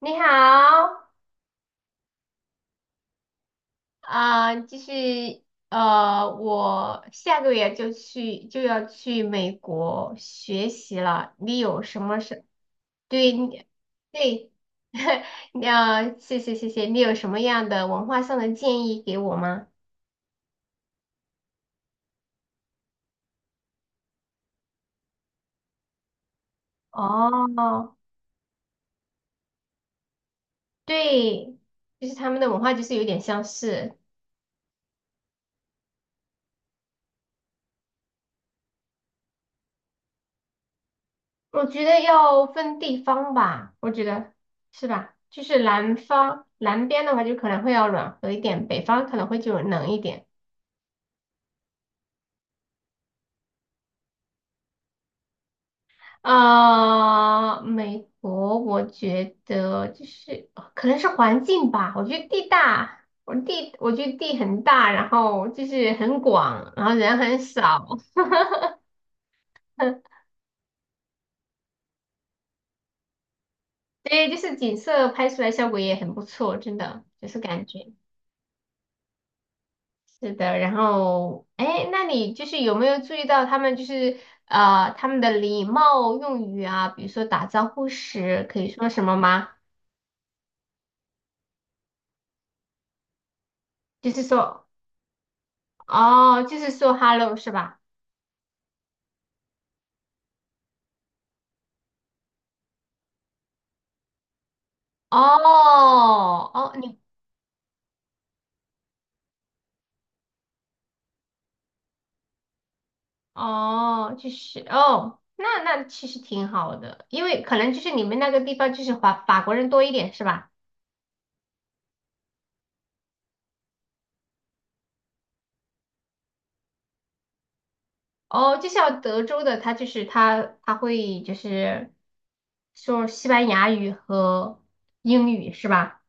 你好。啊、就是我下个月就要去美国学习了。你有什么是。对你。对。你要谢谢谢谢，你有什么样的文化上的建议给我吗？哦，对，就是他们的文化就是有点相似。我觉得要分地方吧，我觉得是吧？就是南边的话，就可能会要暖和一点，北方可能会就冷一点。啊、美国我觉得就是可能是环境吧，我觉得地大，我觉得地很大，然后就是很广，然后人很少。对，就是景色拍出来效果也很不错，真的就是感觉。是的，然后，哎，那你就是有没有注意到他们就是他们的礼貌用语啊，比如说打招呼时可以说什么吗？就是说，哦，就是说 hello 是吧？哦。哦，你。哦，就是哦，那其实挺好的，因为可能就是你们那个地方就是法国人多一点是吧？哦，就像德州的，他就是他会就是说西班牙语和英语是吧？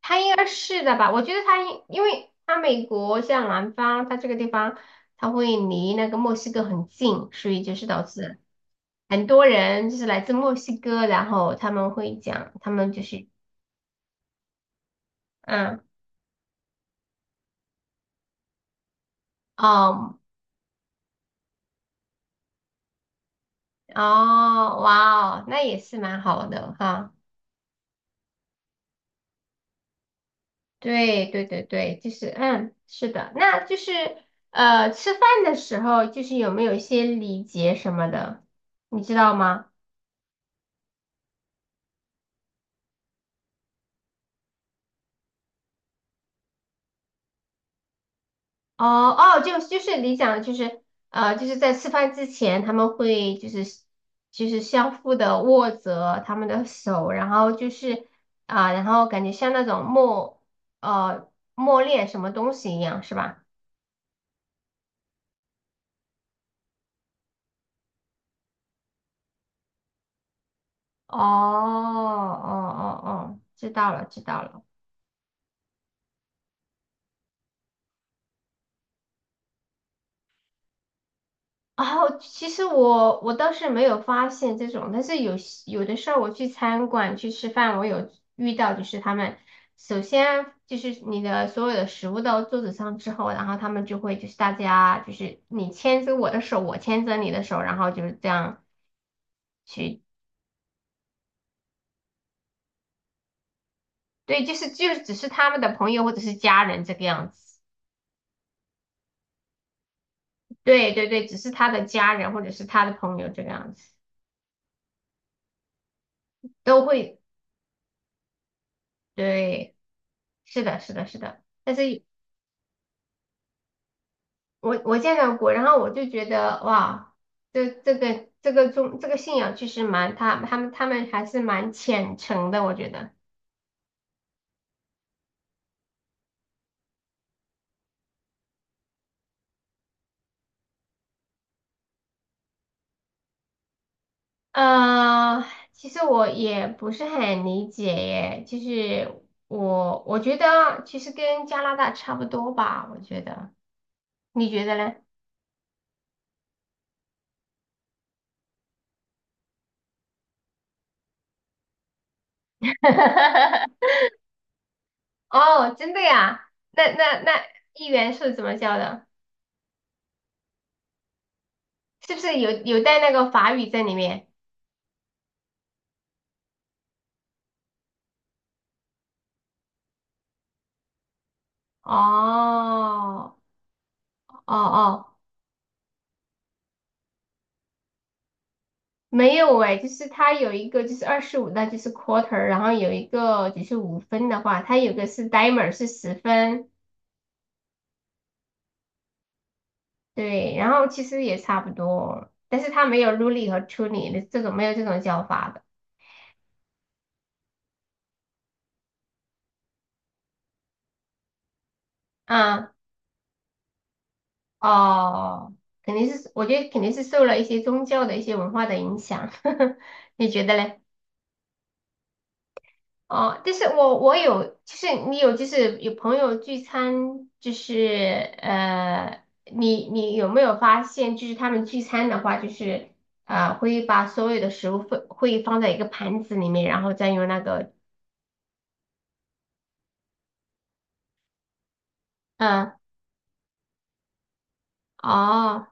他应该是的吧？我觉得他应，因为他美国像南方，他这个地方，他会离那个墨西哥很近，所以就是导致很多人就是来自墨西哥，然后他们会讲，他们就是。嗯。哦。哦，哇哦，那也是蛮好的哈。对对对对，就是是的，那就是吃饭的时候就是有没有一些礼节什么的，你知道吗？哦哦，就是你讲的，就是就是在吃饭之前，他们会就是相互的握着他们的手，然后就是啊、然后感觉像那种呃默念什么东西一样，是吧？哦哦哦哦，知道了知道了。哦，其实我倒是没有发现这种，但是有的时候我去餐馆去吃饭，我有遇到，就是他们首先就是你的所有的食物到桌子上之后，然后他们就会就是大家就是你牵着我的手，我牵着你的手，然后就是这样去。对，就是就只是他们的朋友或者是家人这个样子。对对对，只是他的家人或者是他的朋友这个样子。都会。对，是的，是的，是的。但是我见到过，然后我就觉得哇，这这个这个宗这个信仰其实蛮他们还是蛮虔诚的，我觉得。呃，其实我也不是很理解耶，就是我觉得其实跟加拿大差不多吧，我觉得，你觉得呢？哦，真的呀？那议员是怎么教的？是不是有带那个法语在里面？哦哦哦。没有哎，就是它有一个就是25，那就是 quarter，然后有一个就是5分的话，它有个是 dimer 是10分。对，然后其实也差不多，但是它没有 ruly 和 truly 的这种没有这种叫法的。啊、哦，肯定是我觉得肯定是受了一些宗教的一些文化的影响。你觉得嘞？哦，但是我有，就是你有，就是有朋友聚餐，就是你有没有发现，就是他们聚餐的话，就是会把所有的食物会放在一个盘子里面，然后再用那个。嗯。哦。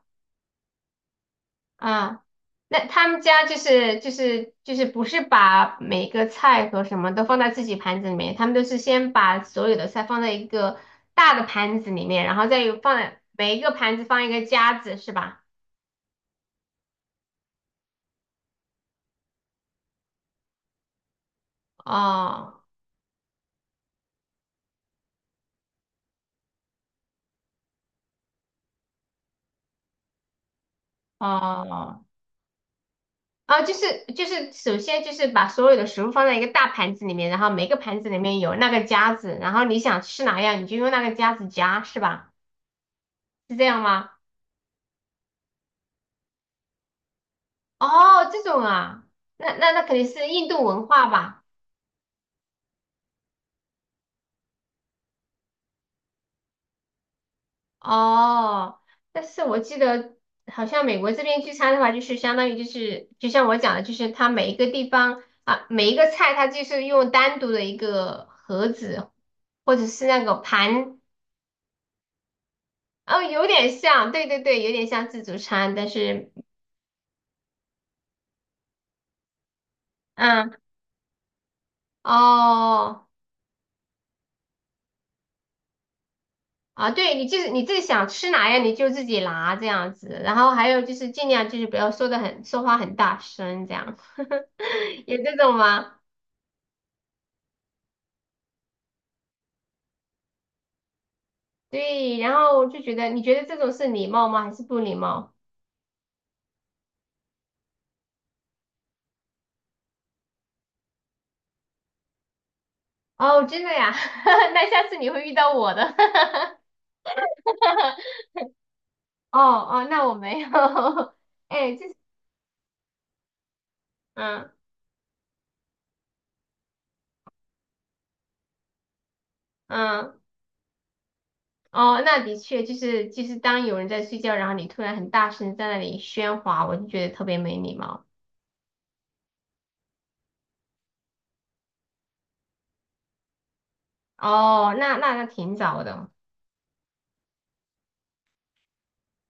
啊，那他们家就是不是把每个菜和什么都放在自己盘子里面，他们都是先把所有的菜放在一个大的盘子里面，然后再有放在每一个盘子放一个夹子，是吧？哦哦哦，就是，首先就是把所有的食物放在一个大盘子里面，然后每个盘子里面有那个夹子，然后你想吃哪样，你就用那个夹子夹，是吧？是这样吗？哦，这种啊，那肯定是印度文化吧？哦，但是我记得好像美国这边聚餐的话，就是相当于就是就像我讲的，就是它每一个地方啊，每一个菜它就是用单独的一个盒子或者是那个盘。哦，有点像，对对对，有点像自助餐，但是。嗯。哦。啊，对，你就是你自己想吃哪样，你就自己拿这样子，然后还有就是尽量就是不要说话很大声这样。有这种吗？对，然后我就觉得，你觉得这种是礼貌吗？还是不礼貌？哦，真的呀，那下次你会遇到我的。哦哦，那我没有，哎，嗯嗯。哦，那的确就是当有人在睡觉，然后你突然很大声在那里喧哗，我就觉得特别没礼貌。哦，那挺早的。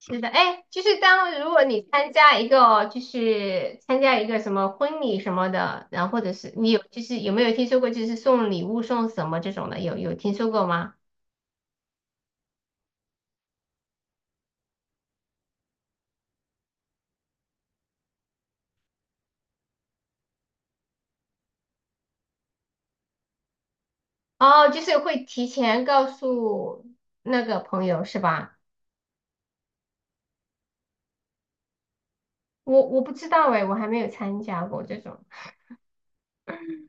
是的，哎，就是当如果你参加一个什么婚礼什么的，然后或者是就是有没有听说过就是送礼物送什么这种的，有听说过吗？哦，就是会提前告诉那个朋友是吧？我不知道哎，我还没有参加过这种。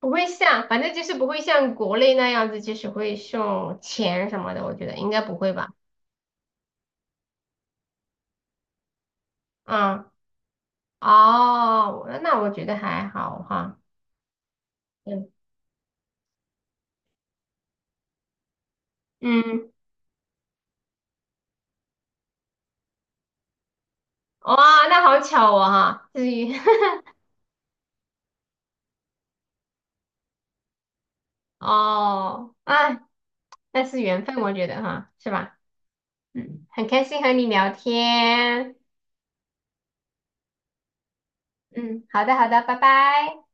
不会像，反正就是不会像国内那样子，就是会送钱什么的，我觉得应该不会吧。嗯，哦，我觉得还好哈。嗯嗯，哇，那好巧哦哈，至于 哦，哎，那是缘分，我觉得哈，是吧？嗯，很开心和你聊天。嗯，好的好的，拜拜。